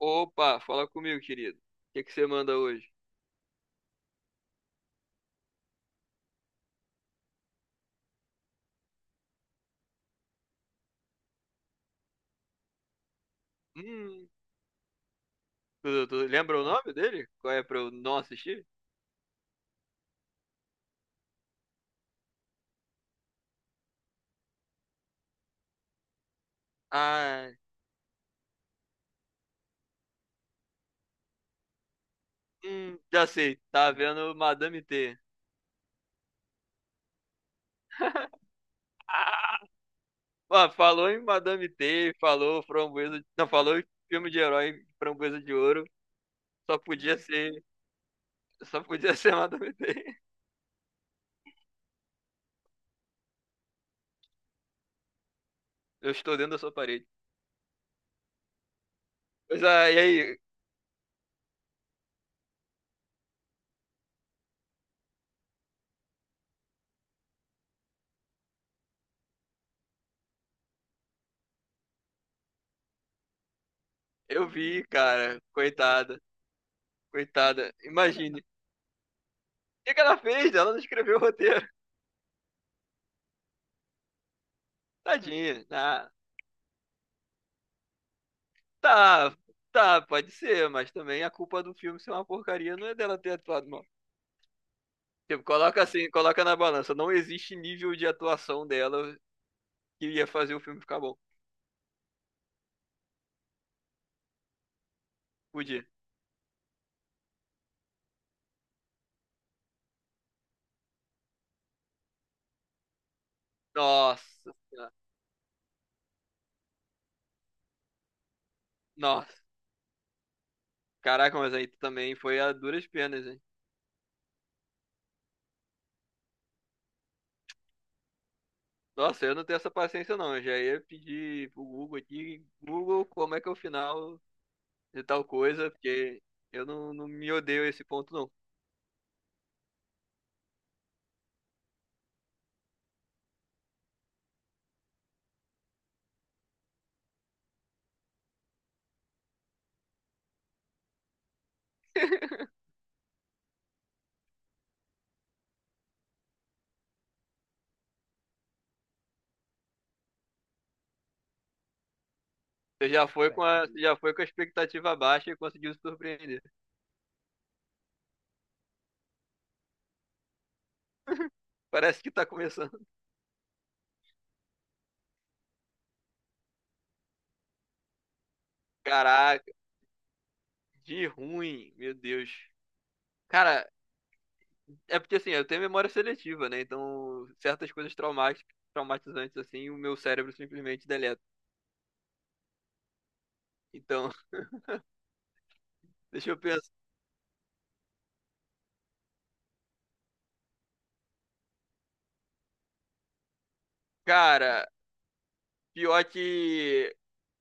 Opa, fala comigo, querido. O que que você manda hoje? Hum, tu lembra o nome dele? Qual é pra eu não assistir? Ah, já sei. Tá vendo Madame T. Ah, falou em Madame T, falou Framboesa, não, falou em filme de herói Framboesa de Ouro. Só podia ser, só podia ser Madame T. Eu estou dentro da sua parede. Pois e aí, eu vi, cara, coitada, coitada. Imagine, o que que ela fez? Ela não escreveu o roteiro. Tadinha. Tá, tá, pode ser, mas também a culpa do filme ser uma porcaria não é dela ter atuado mal. Tipo, coloca assim, coloca na balança. Não existe nível de atuação dela que ia fazer o filme ficar bom. Podia. Nossa, senhora. Nossa. Caraca, mas aí também foi a duras penas, hein? Nossa, eu não tenho essa paciência não. Eu já ia pedir pro Google aqui, Google, como é que é o final de tal coisa, porque eu não me odeio a esse ponto não. Você já foi com a expectativa baixa e conseguiu se surpreender. Parece que tá começando. Caraca, de ruim, meu Deus. Cara, é porque assim, eu tenho memória seletiva, né? Então, certas coisas traumáticas, traumatizantes, assim, o meu cérebro simplesmente deleta. Então, deixa eu pensar. Cara, pior que.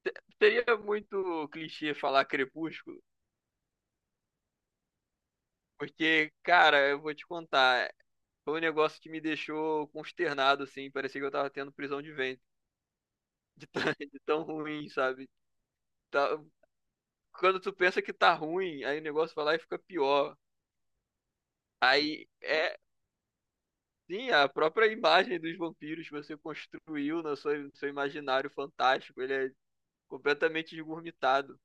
se- Seria muito clichê falar Crepúsculo, porque, cara, eu vou te contar. Foi um negócio que me deixou consternado, assim. Parecia que eu tava tendo prisão de ventre. De tão, de tão ruim, sabe? Tá- quando tu pensa que tá ruim, aí o negócio vai lá e fica pior. Aí é, sim, a própria imagem dos vampiros que você construiu no seu, imaginário fantástico, ele é completamente esgurmitado.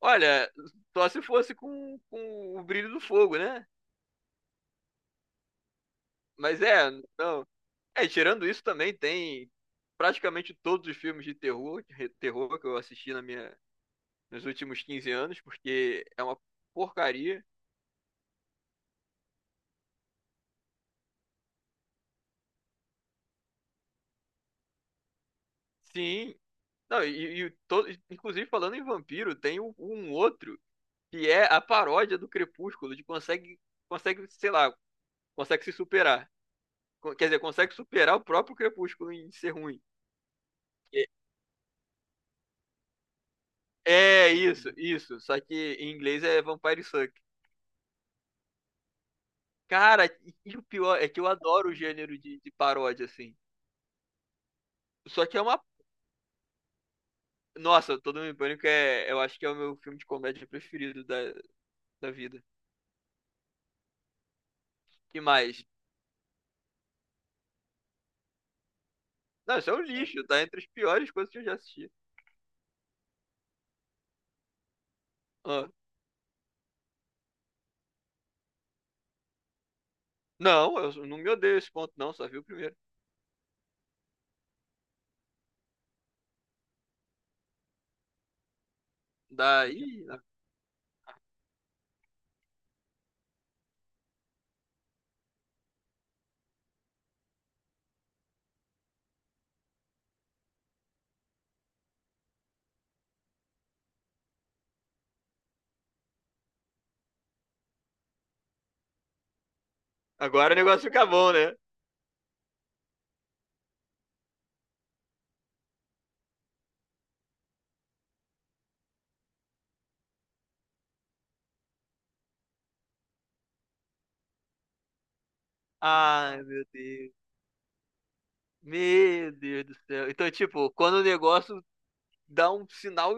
Olha, só se fosse com o brilho do fogo, né? Mas é, não. É, tirando isso também tem praticamente todos os filmes de terror, de terror que eu assisti nos últimos 15 anos, porque é uma porcaria. Sim, não, e todo, inclusive falando em vampiro, tem um outro que é a paródia do Crepúsculo, de consegue, consegue, sei lá, consegue se superar. Quer dizer, consegue superar o próprio Crepúsculo em ser ruim. E- É isso, isso. Só que em inglês é Vampire Suck. Cara, e o pior é que eu adoro o gênero de paródia, assim. Só que é uma. Nossa, Todo Mundo em Pânico é. Eu acho que é o meu filme de comédia preferido da, da vida. Que mais? Não, isso é um lixo, tá entre as piores coisas que eu já assisti. Ah. Não, eu não me odeio esse ponto, não, só vi o primeiro. Daí, agora o negócio fica bom, né? Ai, meu Deus. Meu Deus do céu. Então, tipo, quando o negócio dá um sinal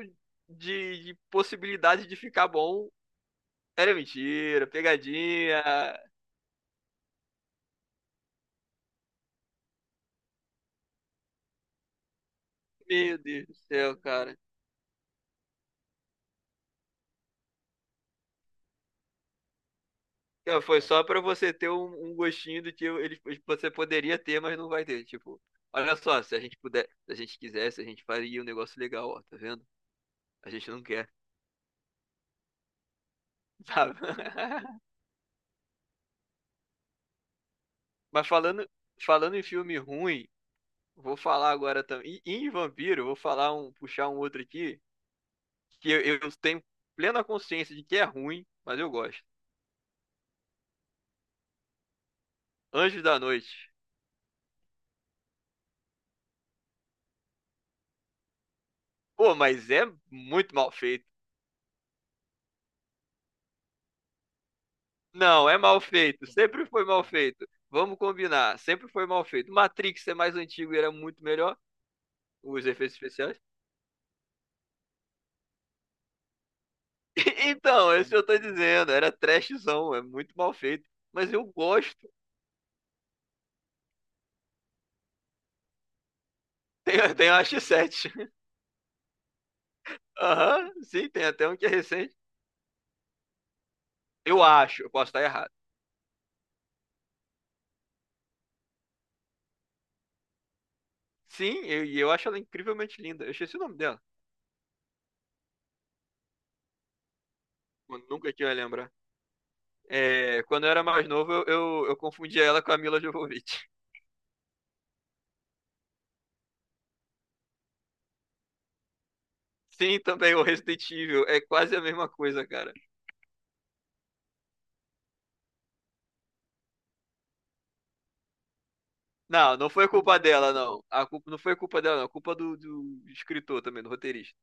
de possibilidade de ficar bom, era mentira, pegadinha. Meu Deus do céu, cara. Então, foi só pra você ter um, um gostinho do que ele, você poderia ter, mas não vai ter. Tipo, olha só, se a gente puder, se a gente quisesse, a gente faria um negócio legal, ó, tá vendo? A gente não quer, sabe? Mas falando, em filme ruim, vou falar agora também. E em vampiro, puxar um outro aqui, que eu tenho plena consciência de que é ruim, mas eu gosto. Anjos da Noite. Pô, mas é muito mal feito. Não, é mal feito. Sempre foi mal feito. Vamos combinar. Sempre foi mal feito. Matrix é mais antigo e era muito melhor. Os efeitos especiais. Então, esse eu tô dizendo. Era trashzão. É muito mal feito. Mas eu gosto. Tem a X7. Aham, sim, tem até um que é recente. Eu acho, eu posso estar errado. Sim, acho ela incrivelmente linda. Eu esqueci o nome dela. Eu nunca que eu ia lembrar. É, quando eu era mais novo, eu confundia ela com a Mila Jovovich. Sim, também o Resident Evil. É quase a mesma coisa, cara. Não, não foi culpa dela, não. A culpa, não foi culpa dela, não. A culpa do escritor também, do roteirista.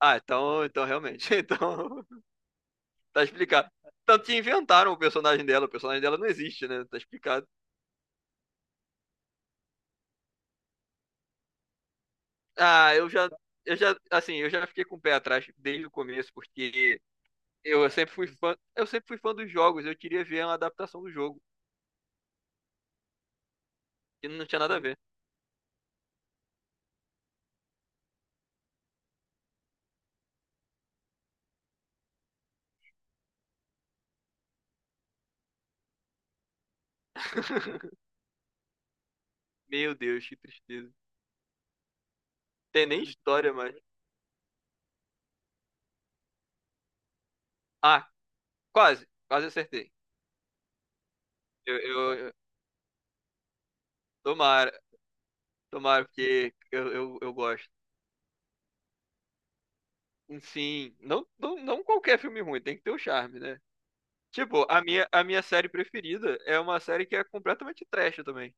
Ah, então realmente. Então, tá explicado. Tanto que inventaram o personagem dela. O personagem dela não existe, né? Tá explicado. Ah, eu já fiquei com o pé atrás desde o começo, porque eu sempre fui fã dos jogos, eu queria ver uma adaptação do jogo, e não tinha nada a ver. Meu Deus, que tristeza. Tem nem história, mas. Ah, quase, quase acertei. Eu, eu, eu- tomara, tomara, porque eu gosto. Sim, não, não, não qualquer filme ruim, tem que ter o charme, né? Tipo, a minha, série preferida é uma série que é completamente trash também.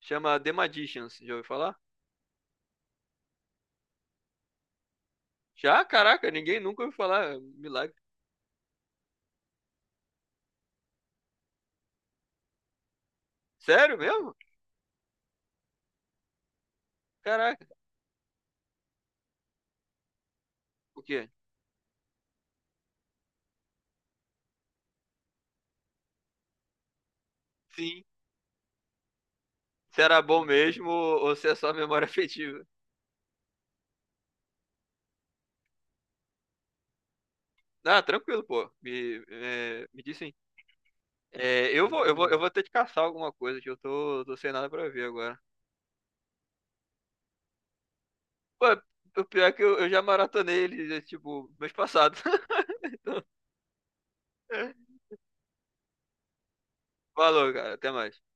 Chama The Magicians, já ouviu falar? Já, caraca, ninguém nunca ouviu falar. Milagre. Sério mesmo? Caraca, o quê? Sim. Se era bom mesmo ou se é só memória afetiva. Ah, tranquilo, pô. Me diz sim. É, eu vou ter que caçar alguma coisa que eu tô, sem nada pra ver agora. Pô, o pior é que eu já maratonei ele, tipo, mês passado. Então, falou, cara. Até mais.